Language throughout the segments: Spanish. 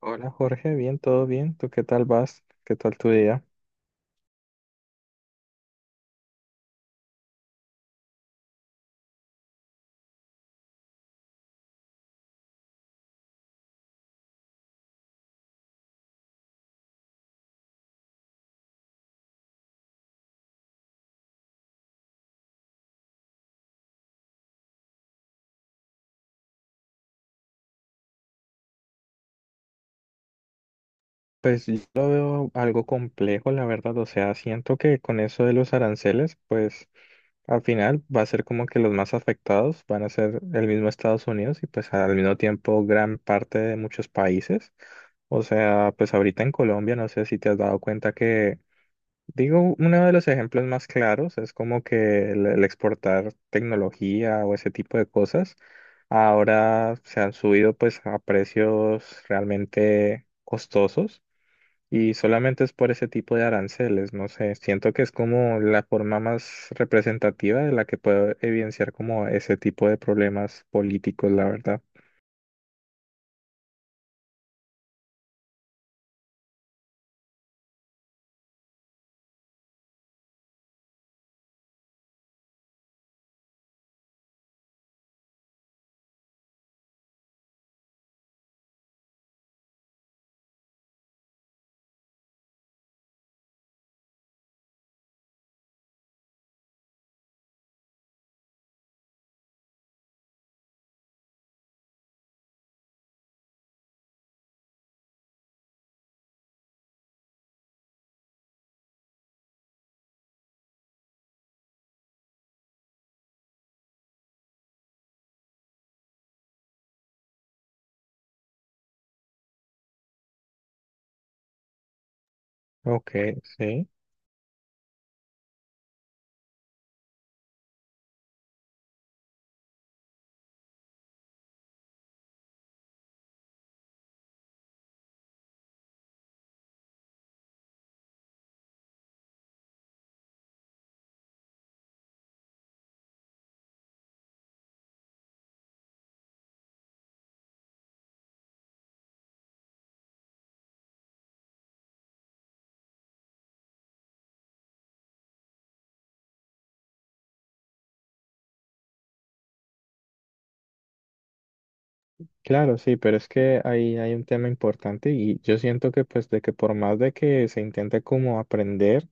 Hola Jorge, bien, todo bien. ¿Tú qué tal vas? ¿Qué tal tu día? Pues yo lo veo algo complejo, la verdad. O sea, siento que con eso de los aranceles, pues al final va a ser como que los más afectados van a ser el mismo Estados Unidos y pues al mismo tiempo gran parte de muchos países. O sea, pues ahorita en Colombia, no sé si te has dado cuenta que, digo, uno de los ejemplos más claros es como que el exportar tecnología o ese tipo de cosas. Ahora se han subido pues a precios realmente costosos y solamente es por ese tipo de aranceles, no sé, siento que es como la forma más representativa de la que puedo evidenciar como ese tipo de problemas políticos, la verdad. Ok, sí. Claro, sí, pero es que ahí hay un tema importante y yo siento que pues de que por más de que se intente como aprender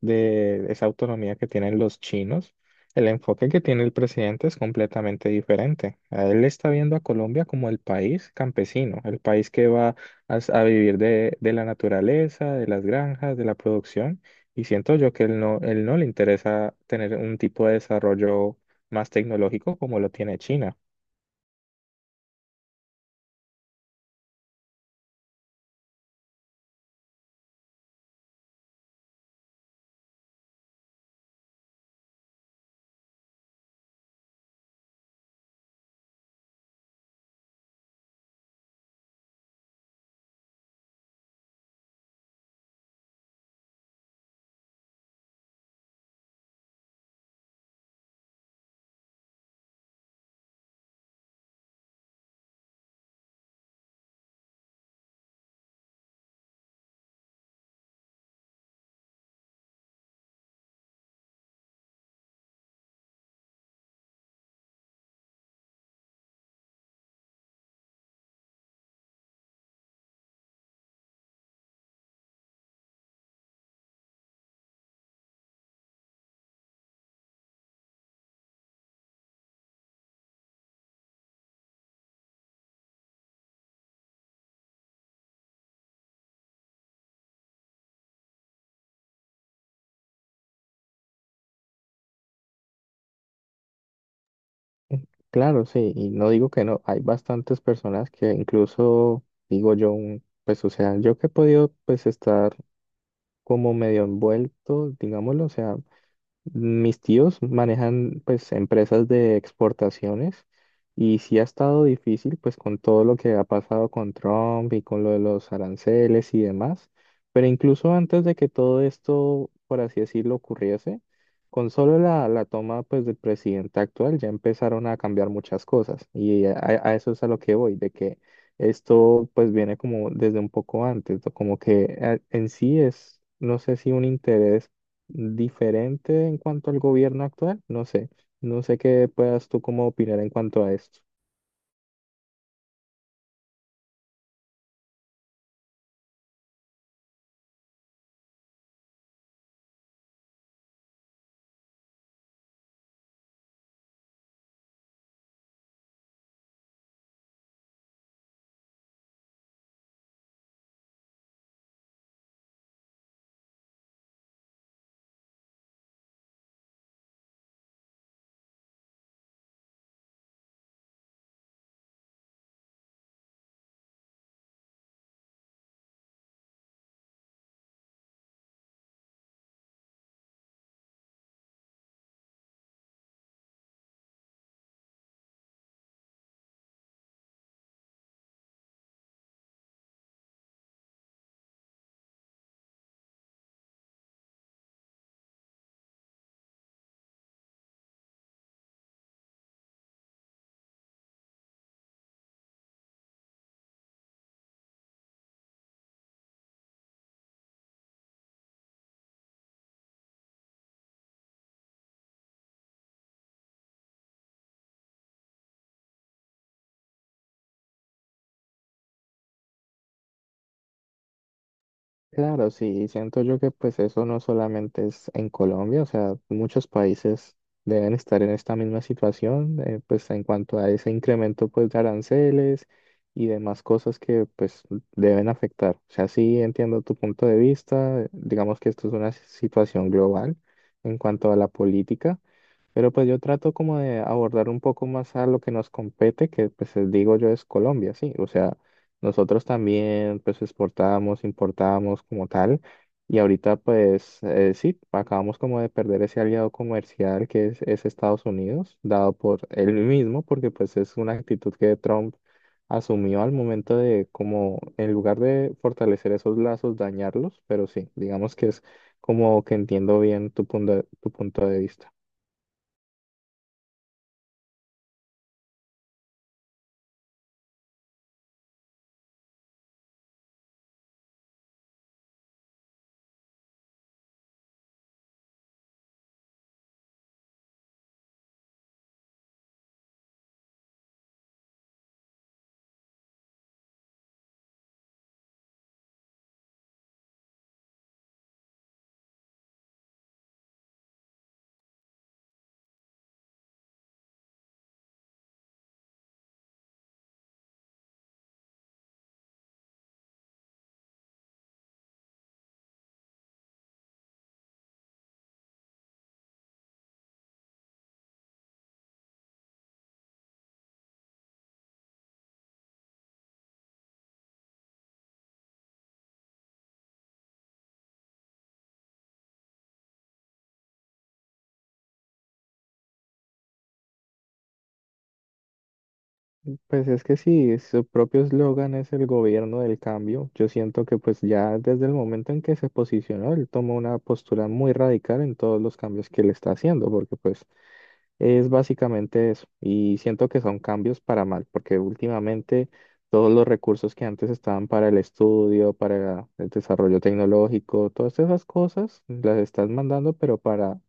de esa autonomía que tienen los chinos, el enfoque que tiene el presidente es completamente diferente. A Él está viendo a Colombia como el país campesino, el país que va a, a vivir de la naturaleza, de las granjas, de la producción y siento yo que él no le interesa tener un tipo de desarrollo más tecnológico como lo tiene China. Claro, sí, y no digo que no, hay bastantes personas que incluso, digo yo, pues o sea, yo que he podido pues estar como medio envuelto, digámoslo, o sea, mis tíos manejan pues empresas de exportaciones y sí ha estado difícil pues con todo lo que ha pasado con Trump y con lo de los aranceles y demás, pero incluso antes de que todo esto, por así decirlo, ocurriese, con solo la, la toma pues del presidente actual ya empezaron a cambiar muchas cosas y a eso es a lo que voy, de que esto pues viene como desde un poco antes, ¿no? Como que en sí es, no sé si un interés diferente en cuanto al gobierno actual, no sé, no sé qué puedas tú como opinar en cuanto a esto. Claro, sí, siento yo que pues eso no solamente es en Colombia, o sea, muchos países deben estar en esta misma situación, pues en cuanto a ese incremento pues de aranceles y demás cosas que pues deben afectar. O sea, sí entiendo tu punto de vista, digamos que esto es una situación global en cuanto a la política. Pero pues yo trato como de abordar un poco más a lo que nos compete, que pues digo yo es Colombia, sí. O sea, nosotros también pues exportábamos, importábamos como tal. Y ahorita pues sí, acabamos como de perder ese aliado comercial que es Estados Unidos, dado por él mismo, porque pues es una actitud que Trump asumió al momento de como en lugar de fortalecer esos lazos, dañarlos. Pero sí, digamos que es como que entiendo bien tu punto de vista. Pues es que si su propio eslogan es el gobierno del cambio, yo siento que pues ya desde el momento en que se posicionó, él tomó una postura muy radical en todos los cambios que él está haciendo, porque pues es básicamente eso. Y siento que son cambios para mal, porque últimamente todos los recursos que antes estaban para el estudio, para el desarrollo tecnológico, todas esas cosas las estás mandando, pero para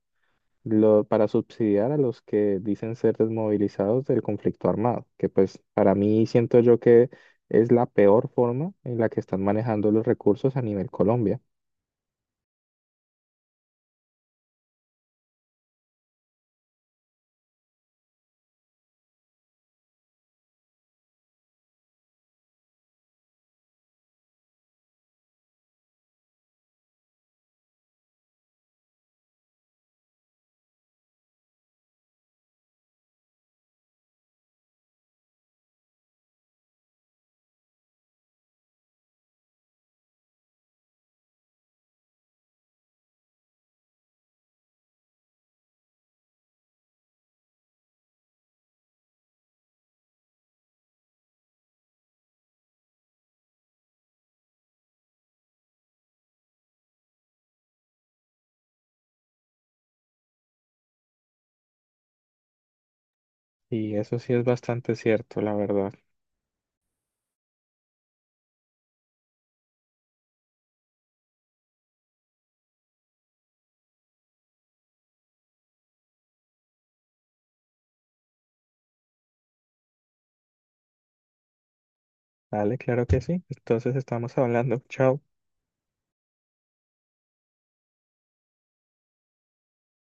para subsidiar a los que dicen ser desmovilizados del conflicto armado, que pues para mí siento yo que es la peor forma en la que están manejando los recursos a nivel Colombia. Y eso sí es bastante cierto, la verdad. Vale, claro que sí. Entonces estamos hablando. Chao.